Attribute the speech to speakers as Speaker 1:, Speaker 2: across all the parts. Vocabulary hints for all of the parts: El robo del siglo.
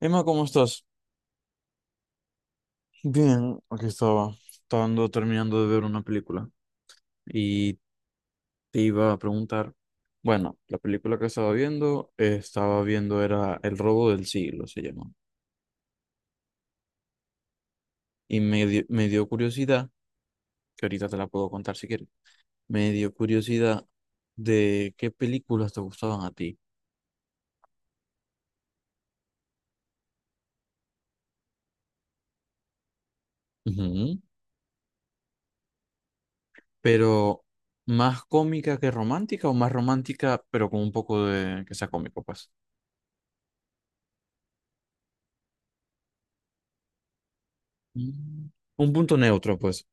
Speaker 1: Emma, ¿cómo estás? Bien, aquí estaba, estaba ando terminando de ver una película y te iba a preguntar, bueno, la película que estaba viendo era El robo del siglo, se llama, y me dio curiosidad, que ahorita te la puedo contar si quieres, me dio curiosidad de qué películas te gustaban a ti. Ujú. Pero más cómica que romántica o más romántica, pero con un poco de que sea cómico, pues. Mm. Un punto neutro, pues.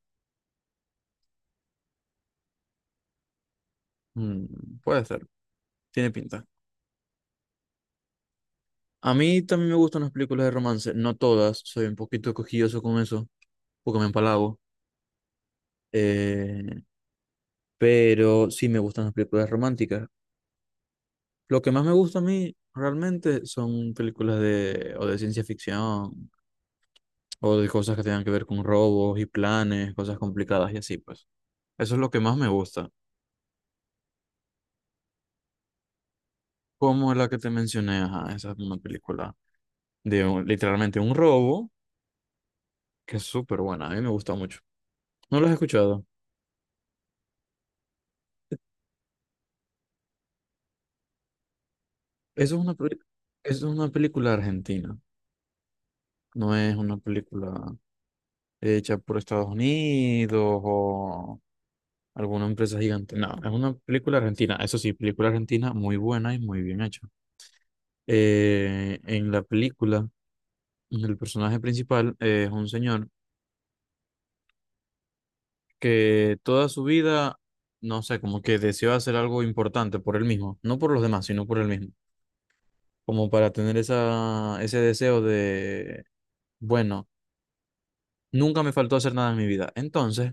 Speaker 1: Mm, puede ser, tiene pinta. A mí también me gustan las películas de romance, no todas, soy un poquito cojilloso con eso, porque me empalago, eh, pero sí me gustan las películas románticas. Lo que más me gusta a mí realmente son o de ciencia ficción, o de cosas que tengan que ver con robos y planes, cosas complicadas y así, pues. Eso es lo que más me gusta. Como la que te mencioné, ajá, esa es una película de literalmente un robo, que es súper buena, a mí me gusta mucho. No los he escuchado. Eso es una, peli- Eso es una película argentina. No es una película hecha por Estados Unidos o alguna empresa gigante. No, es una película argentina. Eso sí, película argentina muy buena y muy bien hecha. En la película, el personaje principal es un señor que toda su vida, no sé, como que deseó hacer algo importante por él mismo, no por los demás, sino por él mismo, como para tener ese deseo de, bueno, nunca me faltó hacer nada en mi vida. Entonces,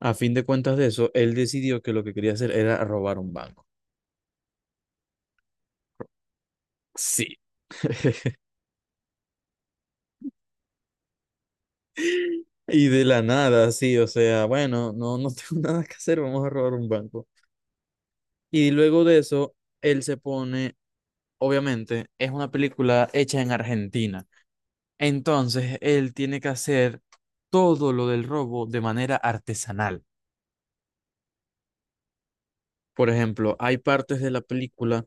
Speaker 1: a fin de cuentas de eso, él decidió que lo que quería hacer era robar un banco. Sí. Y de la nada, sí, o sea, bueno, no tengo nada que hacer, vamos a robar un banco. Y luego de eso, él se pone, obviamente, es una película hecha en Argentina. Entonces, él tiene que hacer todo lo del robo de manera artesanal. Por ejemplo, hay partes de la película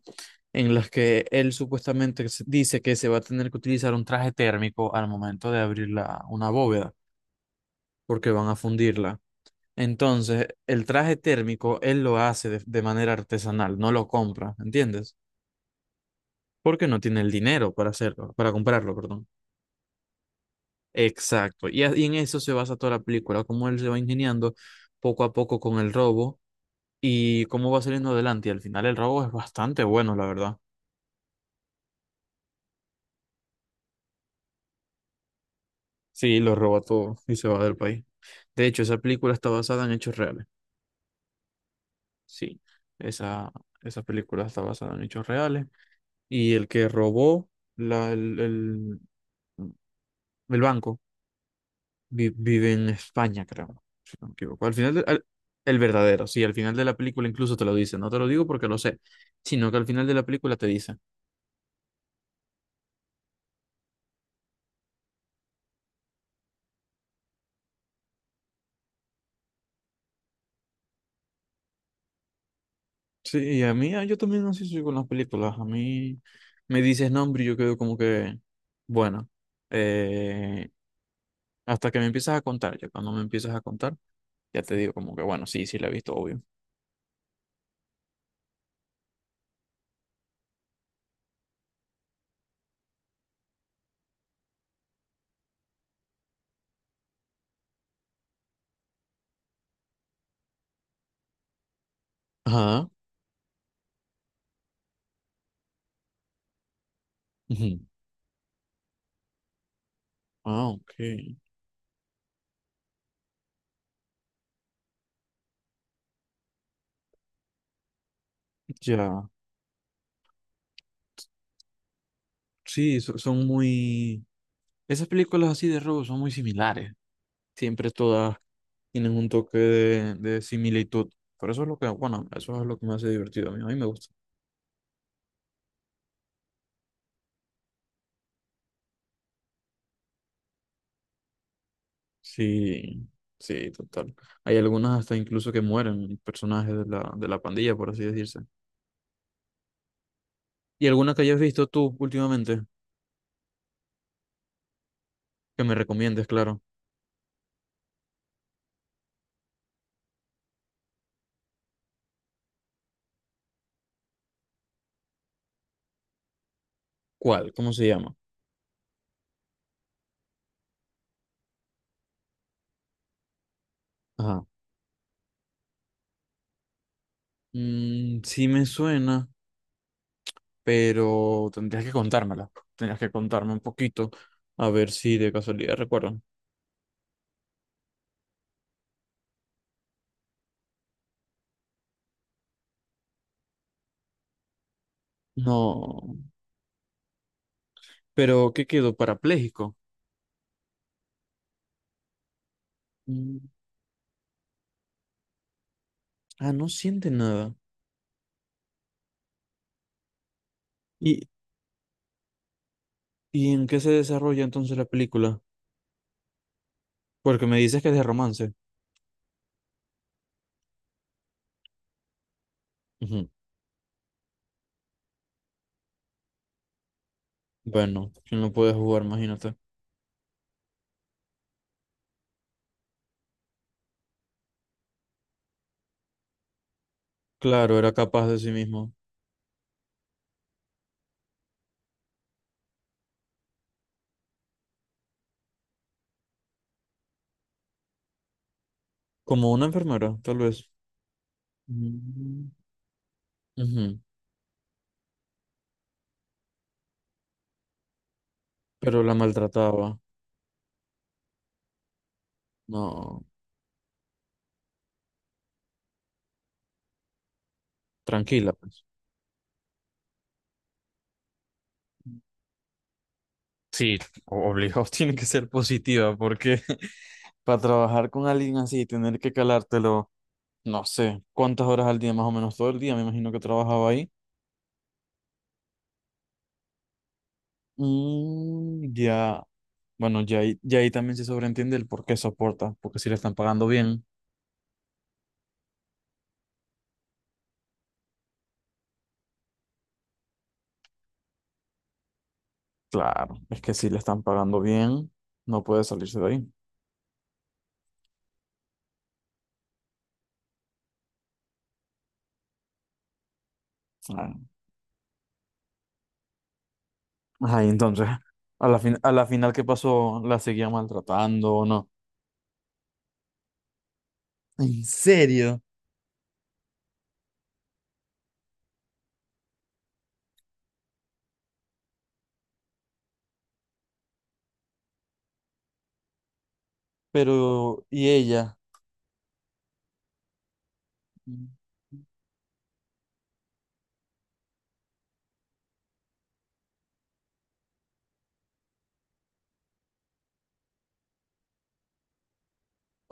Speaker 1: en las que él supuestamente dice que se va a tener que utilizar un traje térmico al momento de abrir una bóveda, porque van a fundirla. Entonces, el traje térmico él lo hace de manera artesanal, no lo compra, ¿entiendes? Porque no tiene el dinero para hacerlo, para comprarlo, perdón. Exacto. Y en eso se basa toda la película, cómo él se va ingeniando poco a poco con el robo y cómo va saliendo adelante. Y al final el robo es bastante bueno, la verdad. Sí, lo roba todo y se va del país. De hecho, esa película está basada en hechos reales. Sí, esa, esa película está basada en hechos reales. Y el que robó la, el, el- el banco vive en España, creo. Si no me equivoco. Al final, de- al- El verdadero, sí, al final de la película incluso te lo dice. No te lo digo porque lo sé, sino que al final de la película te dice. Sí, y a mí, ah, yo también así soy con las películas. A mí me dices nombre y yo quedo como que, bueno, eh, hasta que me empiezas a contar, ya cuando me empiezas a contar, ya te digo como que, bueno, sí, sí la he visto, obvio. Ajá. Ujú. Ah, ok. Ya. Sí, son muy... Esas películas así de robo son muy similares. Siempre todas tienen un toque de similitud. Por eso es lo que, bueno, eso es lo que me hace divertido a mí. A mí me gusta. Sí, sí, total. Hay algunas hasta incluso que mueren, personajes de de la pandilla, por así decirse. ¿Y alguna que hayas visto tú últimamente? Que me recomiendes, claro. ¿Cuál? ¿Cómo se llama? Ajá. Mm, sí me suena, pero tendrías que contármela. Tendrías que contarme un poquito, a ver si de casualidad recuerdo. No, pero ¿qué quedó? ¿Parapléjico? Mm, ah, no siente nada. ¿Y, y en qué se desarrolla entonces la película? Porque me dices que es de romance. Bueno, quién no puede jugar, imagínate. Claro, era capaz de sí mismo. Como una enfermera, tal vez. Mm. Ujú. Pero la maltrataba. No, tranquila, pues. Sí, obligado tiene que ser positiva, porque para trabajar con alguien así y tener que calártelo, no sé, cuántas horas al día, más o menos todo el día, me imagino que trabajaba ahí. Mm, ya, bueno, ya ahí también se sobreentiende el por qué soporta, porque si le están pagando bien. Claro, es que si le están pagando bien, no puede salirse de ahí. Ah. Ajá, y entonces, a la final, ¿qué pasó? ¿La seguía maltratando o no? ¿En serio? Pero, ¿y ella?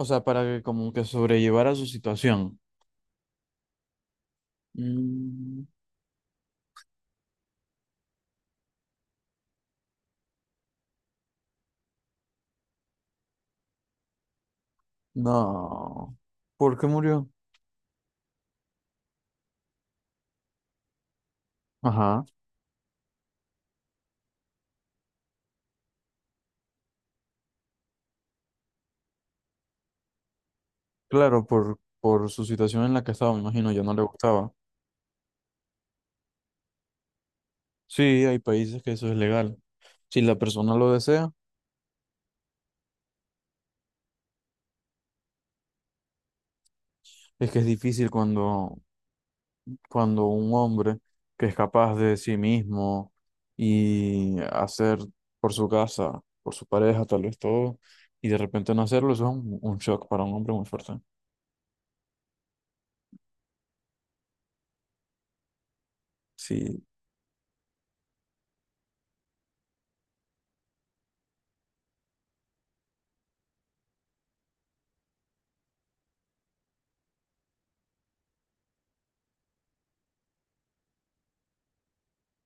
Speaker 1: O sea, para que como que sobrellevara su situación. Mm. No. ¿Por qué murió? Ajá. Claro, por su situación en la que estaba, me imagino, ya no le gustaba. Sí, hay países que eso es legal. Si la persona lo desea, es que es difícil cuando cuando un hombre que es capaz de sí mismo y hacer por su casa, por su pareja, tal vez todo, y de repente no hacerlo, eso es un shock para un hombre muy fuerte. Sí,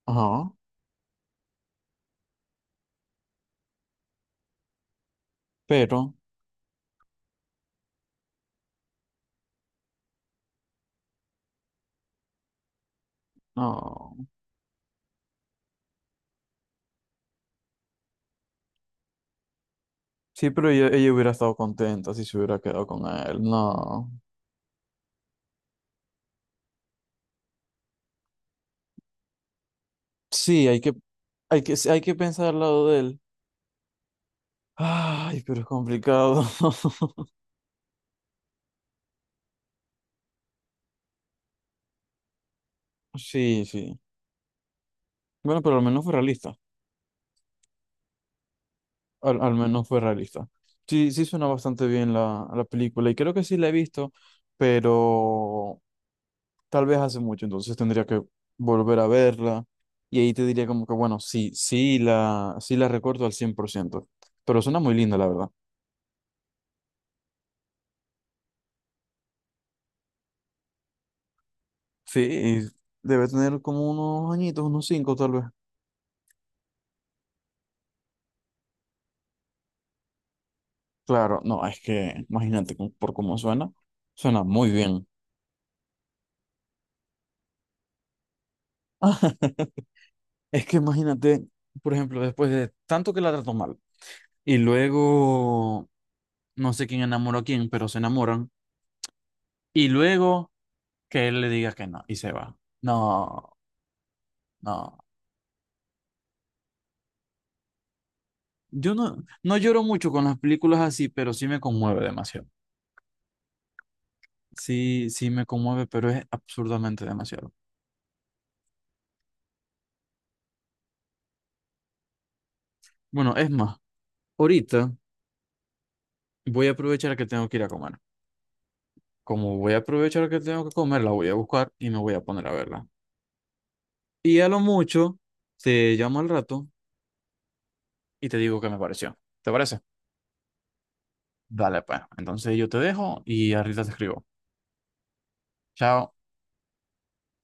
Speaker 1: ajá, pero, no. Sí, pero ella hubiera estado contenta si se hubiera quedado con él, no. Sí, hay que pensar al lado de él. Ay, pero es complicado. Sí, sí. Bueno, pero al menos fue realista. Al menos fue realista. Sí, sí suena bastante bien la película y creo que sí la he visto, pero tal vez hace mucho, entonces tendría que volver a verla y ahí te diría como que, bueno, sí la recuerdo al 100%, pero suena muy linda, la verdad. Sí, y debe tener como unos añitos, unos cinco tal vez. Claro, no, es que imagínate por cómo suena, suena muy bien. Es que imagínate, por ejemplo, después de tanto que la trató mal y luego no sé quién enamoró a quién, pero se enamoran. Y luego que él le diga que no y se va. No, no. Yo no lloro mucho con las películas así, pero sí me conmueve demasiado. Sí, sí me conmueve, pero es absurdamente demasiado. Bueno, es más, ahorita voy a aprovechar que tengo que ir a comer. Como voy a aprovechar que tengo que comer, la voy a buscar y me voy a poner a verla. Y a lo mucho, te llamo al rato y te digo qué me pareció. ¿Te parece? Dale, pues. Entonces yo te dejo y ahorita te escribo. Chao.